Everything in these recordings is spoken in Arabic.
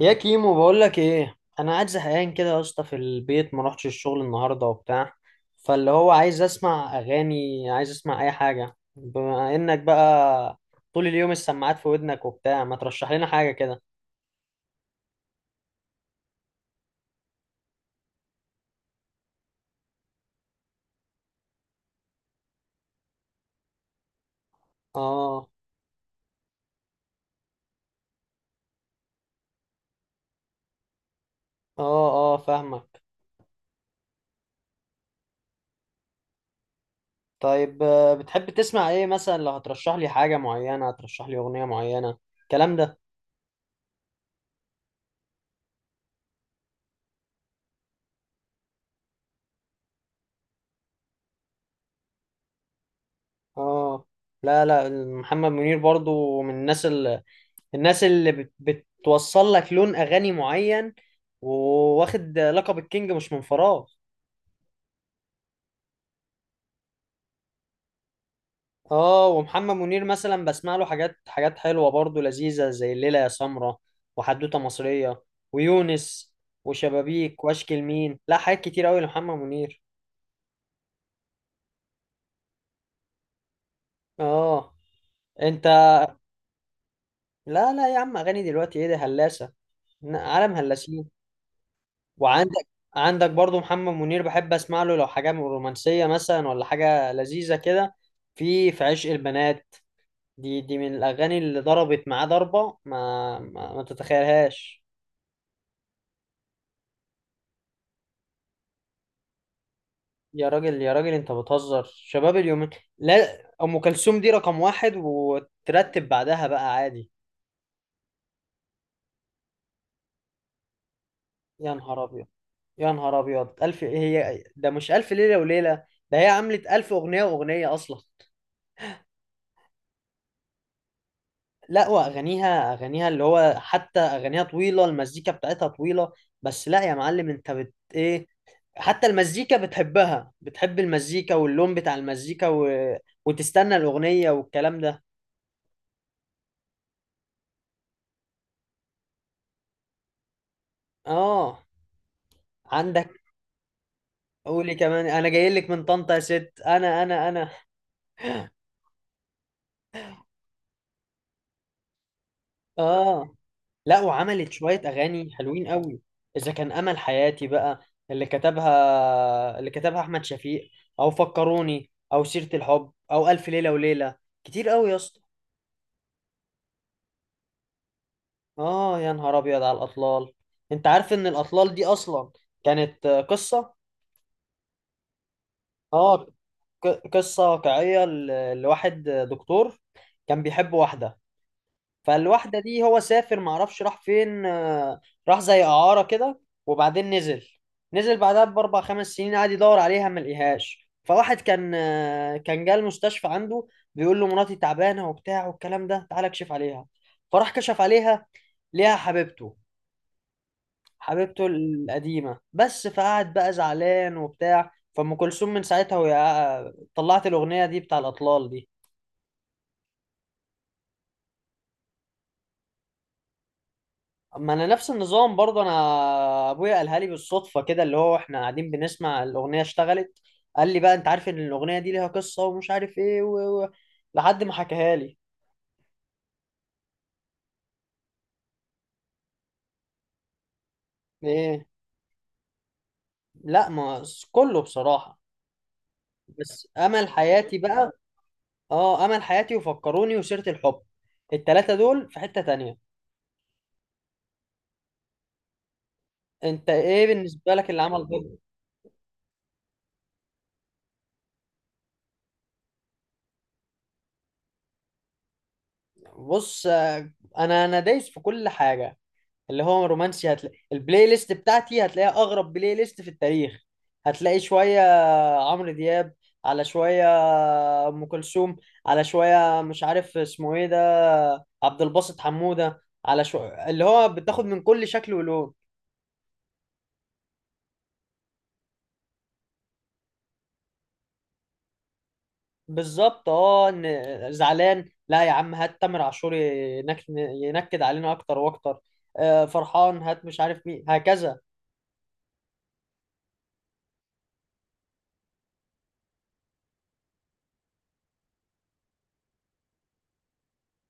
يا كيمو، بقول لك ايه، انا قاعد زهقان كده يا اسطى، في البيت ما روحتش الشغل النهارده وبتاع. فاللي هو عايز اسمع اغاني، عايز اسمع اي حاجه. بما انك بقى طول اليوم السماعات في ودنك وبتاع، ما ترشح لنا حاجه كده. اه، اه، اه، فاهمك. طيب، بتحب تسمع ايه مثلا؟ لو هترشح لي حاجه معينه، هترشح لي اغنيه معينه الكلام ده. اه، لا، لا، محمد منير برضو من الناس، الناس اللي بتوصل لك لون اغاني معين. وواخد لقب الكينج مش من فراغ. اه، ومحمد منير مثلا بسمع له حاجات، حاجات حلوه برضو لذيذه، زي الليله يا سمره، وحدوته مصريه، ويونس، وشبابيك، واشكي لمين. لا، حاجات كتير قوي لمحمد منير. اه، انت. لا، لا يا عم، اغاني دلوقتي ايه ده، هلاسه. عالم هلاسين. وعندك برضو محمد منير، بحب اسمع له لو حاجه من رومانسيه مثلا، ولا حاجه لذيذه كده. في عشق البنات، دي من الاغاني اللي ضربت معاه ضربه ما تتخيلهاش. يا راجل، يا راجل، انت بتهزر، شباب اليومين؟ لا، ام كلثوم دي رقم واحد، وترتب بعدها بقى عادي. يا نهار ابيض، يا نهار ابيض! الف، هي ده مش الف ليله وليله؟ ده هي عملت الف اغنيه واغنيه اصلا. لا، واغانيها، اللي هو حتى اغانيها طويله، المزيكا بتاعتها طويله. بس لا يا معلم، انت بت ايه؟ حتى المزيكا بتحبها، بتحب المزيكا واللون بتاع المزيكا و... وتستنى الاغنيه والكلام ده. اه، عندك، قولي كمان انا جاي لك من طنطا يا ست، انا. اه، لا وعملت شوية أغاني حلوين قوي. إذا كان، أمل حياتي بقى، اللي كتبها أحمد شفيق، أو فكروني، أو سيرة الحب، أو ألف ليلة وليلة، كتير قوي يا اسطى. آه، يا نهار أبيض على الأطلال! أنت عارف إن الأطلال دي أصلا كانت قصة. آه، قصة واقعية، لواحد دكتور، كان بيحب واحدة. فالواحدة دي هو سافر، معرفش راح فين، راح زي إعارة كده. وبعدين نزل، نزل بعدها بأربع خمس سنين، قعد يدور عليها ما لقيهاش. فواحد كان جه المستشفى عنده، بيقول له مراتي تعبانة وبتاع والكلام ده، تعالى اكشف عليها. فراح كشف عليها، ليها حبيبته القديمة بس. فقعد بقى زعلان وبتاع. فأم كلثوم من ساعتها، وهي طلعت الأغنية دي، بتاع الأطلال دي. ما انا نفس النظام برضه انا. ابويا قالها لي بالصدفه كده، اللي هو احنا قاعدين بنسمع الاغنيه، اشتغلت. قال لي بقى، انت عارف ان الاغنيه دي ليها قصه، ومش عارف ايه لحد ما حكاها لي. ايه، لا، ما كله بصراحه. بس امل حياتي بقى. اه، امل حياتي وفكروني وسيره الحب، التلاته دول في حته تانية. انت ايه بالنسبه لك اللي عمل ضجه؟ بص، انا دايس في كل حاجه. اللي هو رومانسي، هتلاقي البلاي ليست بتاعتي، هتلاقيها اغرب بلاي ليست في التاريخ. هتلاقي شويه عمرو دياب، على شويه ام كلثوم، على شويه مش عارف اسمه ايه ده، عبد الباسط حموده، على شويه، اللي هو بتاخد من كل شكل ولون. بالظبط، اه، إن زعلان، لا يا عم، هات تامر عاشور ينكد علينا اكتر واكتر. فرحان، هات مش عارف مين هكذا.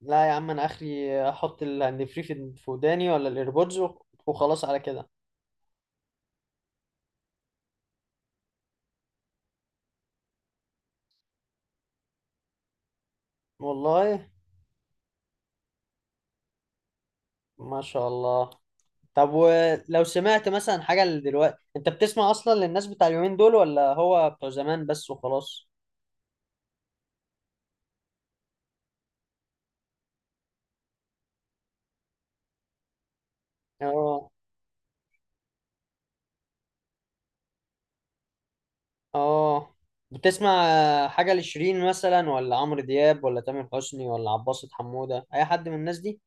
لا يا عم، انا اخري احط الهاند فري في وداني ولا الايربودز، وخلاص على كده. والله. ما شاء الله. طب ولو سمعت مثلا حاجة دلوقتي، انت بتسمع اصلا للناس بتاع اليومين دول، ولا هو بتوع زمان بس وخلاص؟ اه، اه، بتسمع حاجة لشيرين مثلا، ولا عمرو دياب، ولا تامر حسني، ولا عباسة حمودة، اي حد من الناس دي؟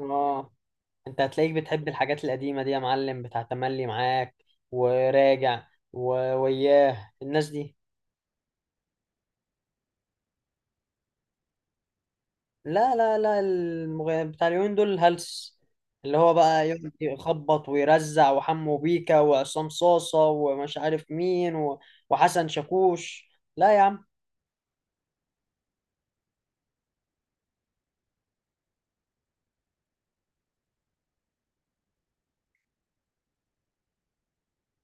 اه، انت هتلاقيك بتحب الحاجات القديمة دي يا معلم، بتاع تملي معاك، وراجع، وياه الناس دي. لا، لا، لا، بتاع اليومين دول الهلس، اللي هو بقى يقعد يخبط ويرزع، وحمو بيكا، وعصام صاصة، ومش عارف مين و... وحسن شاكوش. لا يا عم.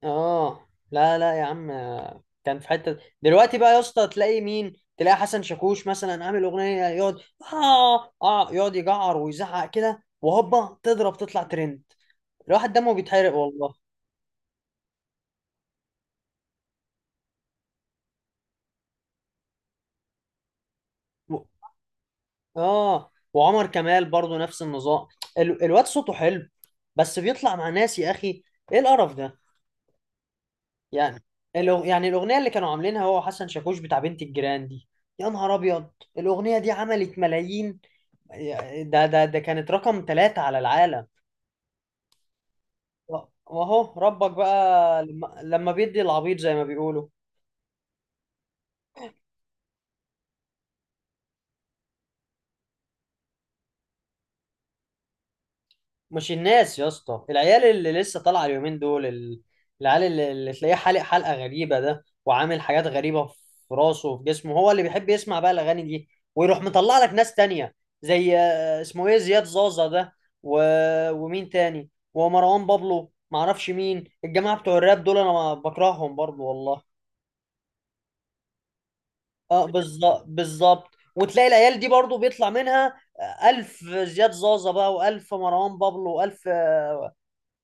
اه، لا، لا يا عم، كان في حتة دلوقتي بقى يا اسطى، تلاقي مين، تلاقي حسن شاكوش مثلا عامل اغنية يقعد، اه، اه، يقعد يجعر ويزعق كده، وهوبا تضرب تطلع ترند. الواحد دمه بيتحرق والله. اه، وعمر كمال برضو نفس النظام. الواد صوته حلو، بس بيطلع مع ناس، يا اخي ايه القرف ده يعني. يعني الاغنيه اللي كانوا عاملينها هو وحسن شاكوش، بتاع بنت الجيران دي. يا نهار ابيض! الاغنيه دي عملت ملايين. ده كانت رقم ثلاثة على العالم. و- واهو ربك بقى لما بيدي العبيط زي ما بيقولوا. مش الناس يا اسطى، العيال اللي لسه طالعه اليومين دول، العيال اللي تلاقيه حالق حلقه غريبه ده، وعامل حاجات غريبه في راسه وفي جسمه، هو اللي بيحب يسمع بقى الاغاني دي. ويروح مطلع لك ناس تانية، زي اسمه ايه، زياد زازا ده، و... ومين تاني، ومروان بابلو، معرفش مين الجماعه بتوع الراب دول، انا بكرههم برضو والله. اه، بالظبط، بالظبط. وتلاقي العيال دي برضو بيطلع منها، ألف زياد زازا بقى، وألف مروان بابلو، وألف.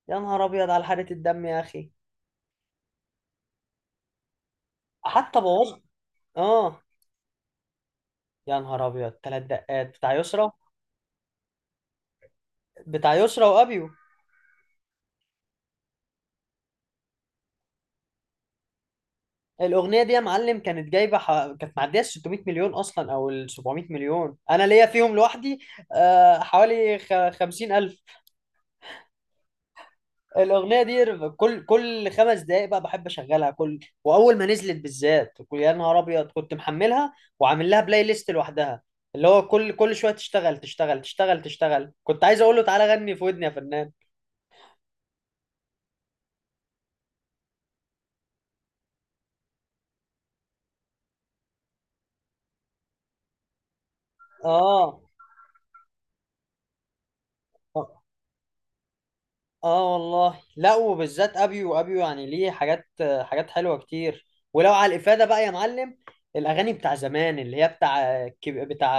يا نهار ابيض على حرقة الدم يا اخي! حتى بوظ. اه، يا نهار ابيض! ثلاث دقات بتاع يسرا، بتاع يسرا وابيو. الاغنيه دي يا معلم، كانت جايبه كانت معديه ال 600 مليون اصلا، او ال 700 مليون. انا ليا فيهم لوحدي حوالي 50 الف. الاغنيه دي، كل خمس دقائق بقى بحب اشغلها كل، واول ما نزلت بالذات يا نهار ابيض، كنت محملها وعامل لها بلاي ليست لوحدها، اللي هو كل شويه تشتغل تشتغل تشتغل تشتغل، كنت عايز اقول له تعالى غني في ودني يا فنان. اه، اه، آه والله. لا وبالذات ابيو، يعني ليه حاجات، حاجات حلوه كتير. ولو على الافاده بقى يا معلم، الاغاني بتاع زمان اللي هي بتاع، بتاع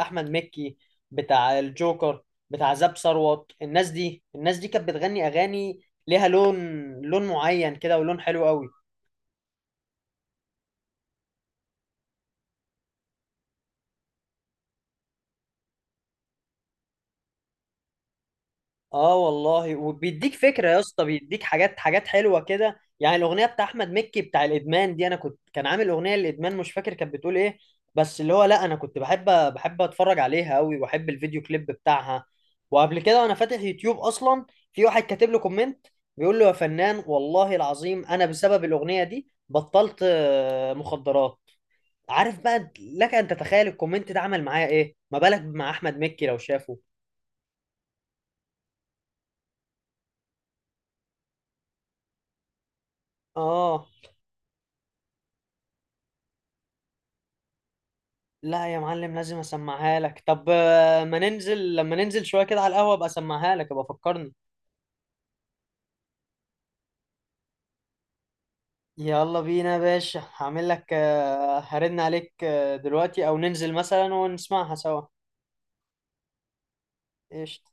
احمد مكي، بتاع الجوكر، بتاع زاب ثروت، الناس دي كانت بتغني اغاني، ليها لون معين كده، ولون حلو قوي. اه والله، وبيديك فكره يا اسطى، بيديك حاجات، حاجات حلوه كده يعني، الاغنيه بتاع احمد مكي بتاع الادمان دي، انا كنت، كان عامل اغنيه للادمان، مش فاكر كانت بتقول ايه. بس اللي هو، لا انا كنت بحب اتفرج عليها قوي، واحب الفيديو كليب بتاعها. وقبل كده وانا فاتح يوتيوب اصلا، في واحد كاتب له كومنت، بيقول له يا فنان والله العظيم، انا بسبب الاغنيه دي بطلت مخدرات. عارف بقى لك ان تتخيل الكومنت ده عمل معايا ايه؟ ما بالك مع احمد مكي لو شافه. اه، لا يا معلم، لازم اسمعها لك. طب ما ننزل لما ننزل شويه كده على القهوه، ابقى اسمعها لك، ابقى فكرني. يلا بينا يا باشا، هعمل لك هرن عليك دلوقتي، او ننزل مثلا ونسمعها سوا. قشطة.